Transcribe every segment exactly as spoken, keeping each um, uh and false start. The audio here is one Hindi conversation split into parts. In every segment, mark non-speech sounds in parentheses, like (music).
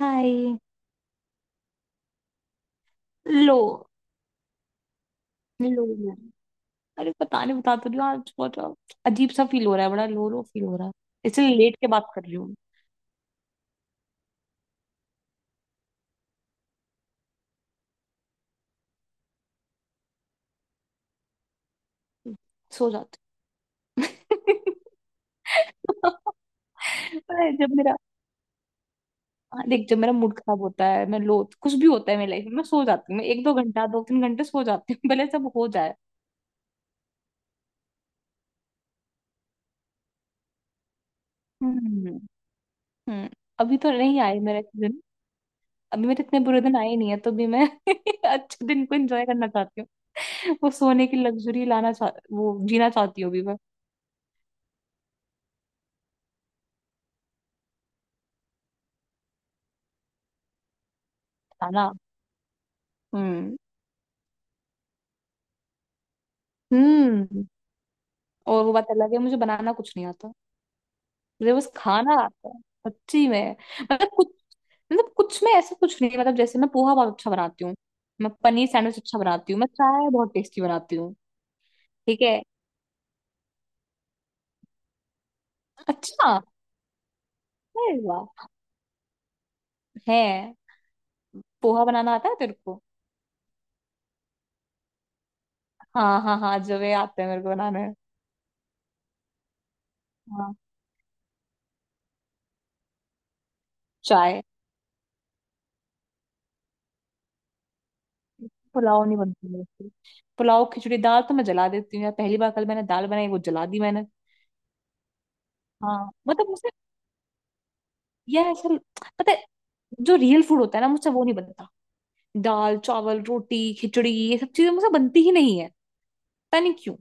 हाय। लो लो मैम, अरे पता नहीं, बता तो रही हूँ, आज बहुत अजीब सा फील हो रहा है। बड़ा लो लो फील हो रहा है, इसलिए लेट के बात कर रही हूँ। सो जाती हूँ। (laughs) अरे! जब मेरा हाँ, देख, जब मेरा मूड खराब होता है, मैं लो, कुछ भी होता है मेरी लाइफ में, मैं सो जाती हूँ। मैं एक दो घंटा, दो तीन घंटे सो जाती हूँ (laughs) भले सब हो जाए। हम्म। हम्म। अभी तो नहीं आए मेरे दिन। अभी मेरे इतने बुरे दिन आए नहीं है, तो भी मैं (laughs) अच्छे दिन को एंजॉय करना चाहती हूँ। वो सोने की लग्जरी लाना चाह, वो जीना चाहती हूँ अभी मैं। खाना। हम्म। हम्म। और वो बात अलग है, मुझे बनाना कुछ नहीं आता। मुझे बस खाना आता है। सच्ची में। मतलब कुछ मतलब कुछ में ऐसा कुछ नहीं है। मतलब जैसे मैं पोहा बहुत अच्छा बनाती हूँ। मैं पनीर सैंडविच अच्छा बनाती हूँ। मैं चाय बहुत टेस्टी बनाती हूँ। ठीक है। अच्छा। अरे वाह। है। पोहा बनाना आता है तेरे को? हाँ हाँ हाँ, जो वे आते हैं मेरे को बनाने। हाँ। चाय। पुलाव नहीं बनती मेरे से। पुलाव, खिचड़ी, दाल तो मैं जला देती हूँ यार। पहली बार कल मैंने दाल बनाई, वो जला दी मैंने। हाँ मतलब मुझसे, यार ऐसा, पता है, जो रियल फूड होता है ना, मुझसे वो नहीं बनता। दाल चावल रोटी खिचड़ी, ये सब चीजें मुझसे बनती ही नहीं है। पता नहीं क्यों।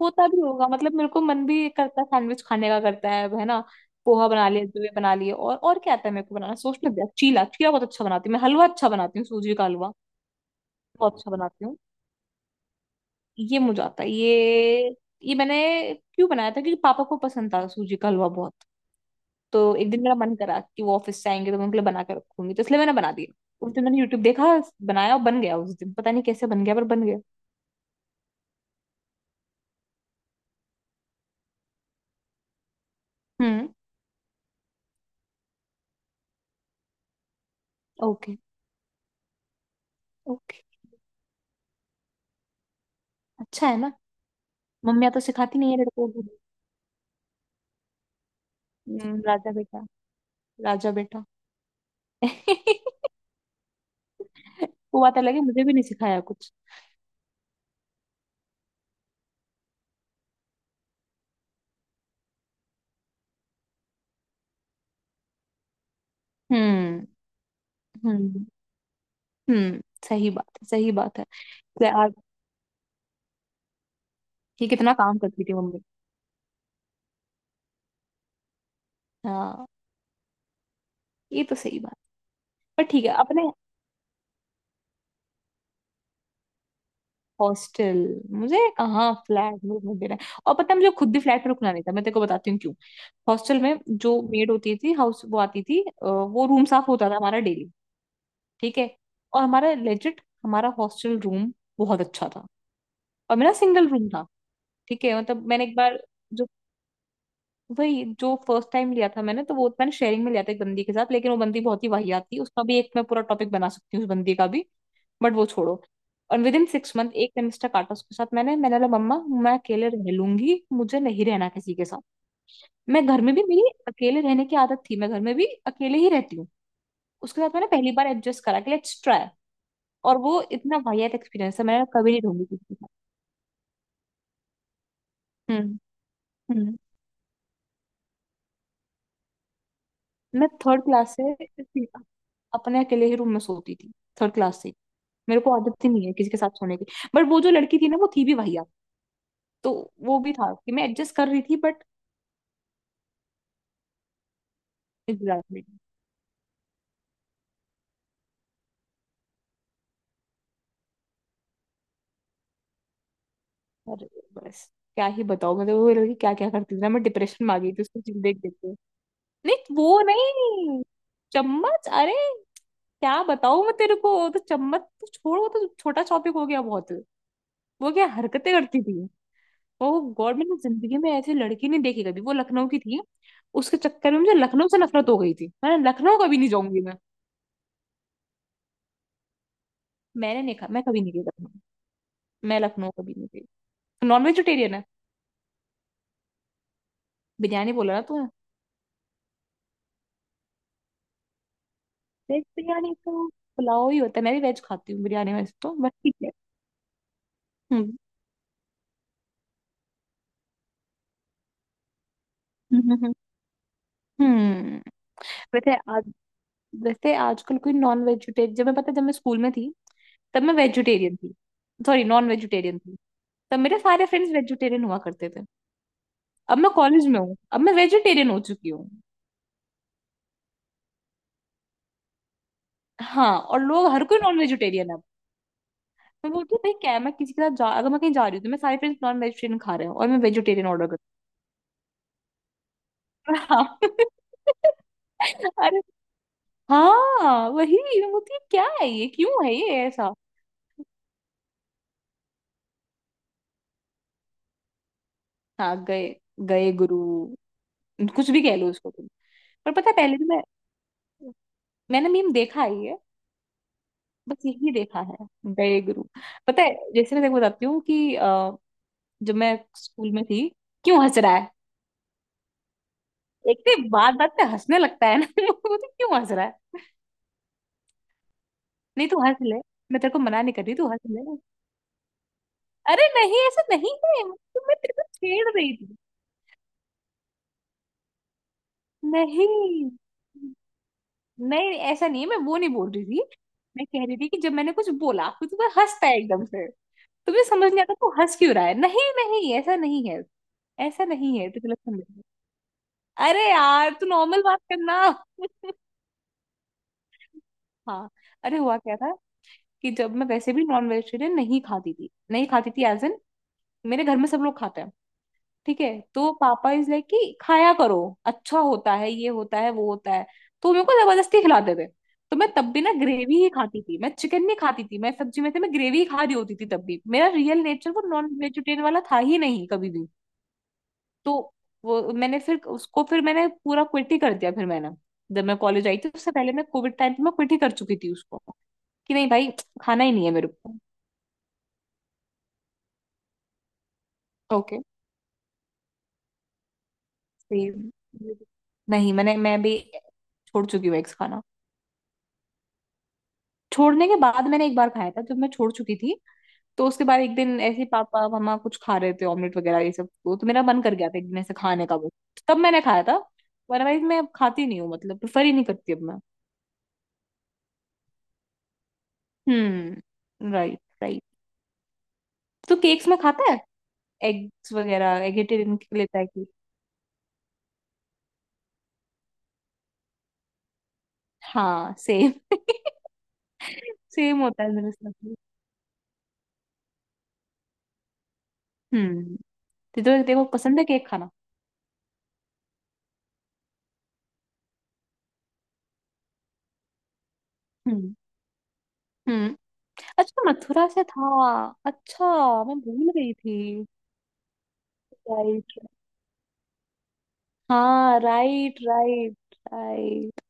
होता भी होगा, मतलब मेरे को मन भी करता है, सैंडविच खाने का करता है है ना? पोहा बना लिया, जुए बना लिए, और और क्या आता है मेरे को बनाना? सोचने दे। चीला, चीला बहुत अच्छा बनाती हूँ मैं। हलवा अच्छा बनाती हूँ, सूजी का हलवा बहुत अच्छा बनाती हूँ। ये मुझे आता है, ये। ये मैंने क्यों बनाया था? क्योंकि पापा को पसंद था सूजी का हलवा बहुत। तो एक दिन मेरा मन करा कि वो ऑफिस से आएंगे, तो मैं उनके लिए बना के रखूंगी, तो इसलिए मैंने बना दिया। उस दिन मैंने यूट्यूब देखा, बनाया, और बन गया। उस दिन पता नहीं कैसे बन गया, पर बन गया। हम्म। ओके। ओके। अच्छा है ना, मम्मियाँ तो सिखाती नहीं है लड़कों को। हम्म, राजा बेटा। राजा बेटा। (laughs) वो बात अलग है, मुझे भी नहीं सिखाया कुछ। हम्म। हम्म। हम्म। सही बात है, सही बात है। तो आज ये कितना काम करती थी मम्मी। हाँ, ये तो सही बात। पर ठीक है अपने, हॉस्टल। मुझे कहाँ फ्लैट में रुकने दे रहा है? और पता है, मुझे खुद भी फ्लैट में रुकना नहीं था। मैं तेरे को बताती हूँ क्यों। हॉस्टल में जो मेड होती थी, हाउस, वो आती थी, अ, वो रूम साफ होता था हमारा डेली। ठीक है। और हमारा लेजिट, हमारा हॉस्टल रूम बहुत अच्छा था। और मेरा सिंगल रूम था। ठीक है, मतलब मैंने एक बार जो, वही जो फर्स्ट टाइम लिया था मैंने, तो वो मैंने शेयरिंग में लिया था, एक बंदी के साथ। लेकिन वो बंदी बहुत ही वाहियात थी। उसका भी एक मैं पूरा टॉपिक बना सकती हूँ, उस बंदी का भी। बट वो छोड़ो। और विद इन सिक्स मंथ एक सेमेस्टर काटा उसके साथ मैंने मैंने बोला, मम्मा मैं अकेले रह लूंगी, मुझे नहीं रहना किसी के साथ। मैं घर में भी, मेरी अकेले रहने की आदत थी, मैं घर में भी अकेले ही रहती हूँ। उसके साथ मैंने पहली बार एडजस्ट करा कि लेट्स ट्राई। और वो इतना वाहियात एक्सपीरियंस है, मैंने कभी नहीं रहूंगी किसी के साथ। हम्म। हम्म। मैं थर्ड क्लास से अपने अकेले ही रूम में सोती थी, थर्ड क्लास से। मेरे को आदत ही नहीं है किसी के साथ सोने की। बट वो जो लड़की थी ना, वो थी भी वाहियात। तो वो भी था कि मैं एडजस्ट कर रही थी, बट। एग्जैक्टली। अरे बस, क्या ही बताओ, मतलब वो लड़की क्या क्या करती थी ना, मैं डिप्रेशन में आ गई थी उसको चीज देख देख के। नहीं, वो नहीं चम्मच, अरे, क्या बताऊं मैं तेरे को, वो तो चम्मच तो छोड़, वो तो छोटा टॉपिक हो गया बहुत। वो क्या हरकतें करती थी। ओ गॉड, मैंने जिंदगी में ऐसी लड़की नहीं देखी कभी। वो लखनऊ की थी। उसके चक्कर में मुझे लखनऊ से नफरत हो गई थी, मैं लखनऊ कभी नहीं जाऊंगी मैं। मैंने नहीं खा, मैं कभी नहीं गई लखनऊ। मैं लखनऊ कभी नहीं गई। नॉन वेजिटेरियन है। बिरयानी बोला ना तूने। वेज बिरयानी तो पुलाव ही होता है। मैं भी वेज खाती हूँ, बिरयानी वैसे तो, बट ठीक है। हम्म हम्म हम्म, हम्म। वैसे आज, वैसे आजकल कोई नॉन वेजिटेरियन, जब मैं, पता है, जब मैं स्कूल में थी, तब मैं वेजिटेरियन थी, सॉरी नॉन वेजिटेरियन थी। तब मेरे सारे फ्रेंड्स वेजिटेरियन हुआ करते थे। अब मैं कॉलेज में हूँ, अब मैं वेजिटेरियन हो चुकी हूँ। हाँ, और लोग, हर कोई नॉन वेजिटेरियन है। मैं बोलती हूँ, भाई क्या है, मैं किसी के साथ जा, अगर मैं कहीं जा रही हूँ तो मैं, सारे फ्रेंड्स नॉन वेजिटेरियन खा रहे हैं और मैं वेजिटेरियन ऑर्डर कर रही हूँ। हाँ। (laughs) अरे। हाँ, वही मैं बोलती हूँ, क्या है ये, क्यों है ये ऐसा। हाँ, गए, गए गुरु। कुछ भी कह लो उसको तुम। पर पता है, पहले भी मैं, मैंने मीम देखा ही है ये। बस यही देखा है, गए गुरु। पता है, जैसे मैं तेको बताती हूँ कि अ, जब मैं स्कूल में थी, क्यों हंस रहा है? एक तो बात बात पे हंसने लगता है ना (laughs) वो तो, क्यों हंस रहा है? नहीं, तू हंस ले, मैं तेरे को मना नहीं कर रही, तू हंस ले। अरे नहीं, ऐसा नहीं है, तो मैं तेरे को छेड़ रही थी। नहीं नहीं, ऐसा नहीं है, मैं वो नहीं बोल रही थी। मैं कह रही थी कि जब मैंने कुछ बोला तो तू बस हंसता है एकदम से। तुम्हें समझ नहीं आता, तू हंस क्यों रहा है? नहीं नहीं, ऐसा नहीं है, ऐसा नहीं है तो गलत समझ रही है। अरे यार, तू नॉर्मल बात करना। (laughs) हाँ। अरे हुआ क्या था, कि जब मैं, वैसे भी नॉन वेजिटेरियन नहीं खाती थी, नहीं खाती थी, एज एन, मेरे घर में सब लोग खाते हैं, ठीक है, तो पापा इज लाइक कि खाया करो, अच्छा होता है, ये होता है, वो होता है। तो मेरे को जबरदस्ती खिलाते थे। तो मैं तब भी ना ग्रेवी ही खाती थी, मैं चिकन नहीं खाती थी, मैं सब्जी में थी, मैं ग्रेवी ही खा रही होती थी। तब भी मेरा रियल नेचर वो नॉन वेजिटेरियन वाला था ही नहीं, कभी भी। तो वो मैंने फिर उसको, फिर मैंने पूरा क्विट ही कर दिया। फिर मैंने, जब मैं कॉलेज आई थी उससे पहले, मैं कोविड टाइम पे मैं क्विट ही कर चुकी थी उसको, कि नहीं भाई, खाना ही नहीं है मेरे को। ओके। सेम। नहीं मैंने, मैं भी छोड़ चुकी हूँ एग्स खाना। छोड़ने के बाद मैंने एक बार खाया था, जब मैं छोड़ चुकी थी। तो उसके बाद एक दिन ऐसे ही पापा मम्मा कुछ खा रहे थे, ऑमलेट वगैरह ये सब, तो, तो मेरा मन कर गया था एक दिन ऐसे खाने का, वो तब मैंने खाया था। अदरवाइज मैं अब खाती नहीं हूँ, मतलब प्रेफर ही नहीं करती अब मैं। हम्म, राइट राइट। तो केक्स में खाता है एग्स वगैरह, एगिटेरियन लेता है केक। हाँ सेम। सेम (laughs) होता है मेरे साथ भी। हम्म। तो देखो देखो, पसंद है केक खाना। हम्म। हम्म। अच्छा, मथुरा से था। अच्छा, मैं भूल गई थी। राइट। हाँ राइट राइट। राइट।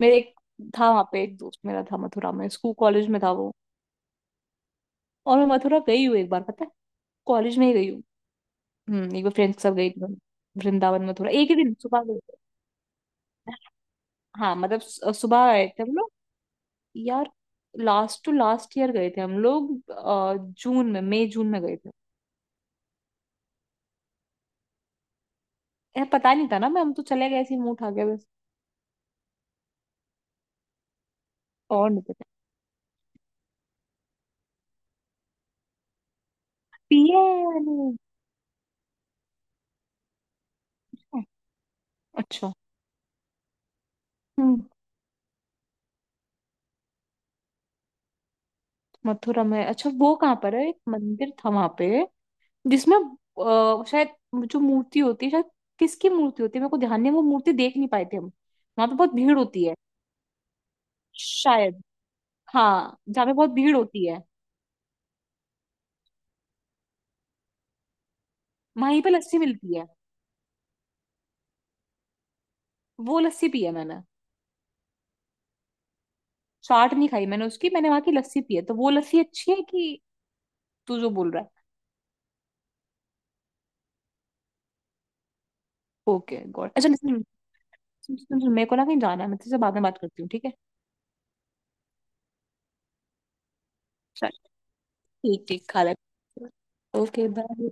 मेरे एक, था वहाँ पे, एक दोस्त मेरा था मथुरा में, स्कूल कॉलेज में था वो। और मैं मथुरा गई हूँ एक बार, पता है, कॉलेज में ही गई हूँ। हम्म। एक बार फ्रेंड्स के साथ गई थी मैं। वृंदावन मथुरा एक ही दिन सुबह गए थे। हाँ मतलब सु- सुबह गए थे हम लोग। यार, लास्ट टू लास्ट ईयर गए थे हम लोग, अ, जून में, मई जून में गए थे। यार पता नहीं था ना, मैं हम तो चले गए ऐसे ही मुंह उठा के, बस। और नहीं पता। पिए या नहीं? अच्छा। हम्म। मथुरा में अच्छा, वो कहाँ पर है, एक मंदिर था वहां पे जिसमें, अ, शायद, जो मूर्ति होती है शायद, किसकी मूर्ति होती है मेरे को ध्यान नहीं है, वो मूर्ति देख नहीं पाए थे हम, वहां पे बहुत भीड़ होती है। शायद। हाँ, जहाँ पे बहुत भीड़ होती है। वहीं पे लस्सी मिलती है। वो लस्सी पी है मैंने। चाट नहीं खाई मैंने उसकी, मैंने वहां की लस्सी पी है, तो वो लस्सी अच्छी है, कि तू जो बोल रहा है? ओके गॉड, अच्छा सुन, सुन सुन सुन, मेरे को ना कहीं जाना है, मैं तुझसे बाद में बात करती हूँ, ठीक है। चल। ठीक ठीक, खा ले। Okay bye.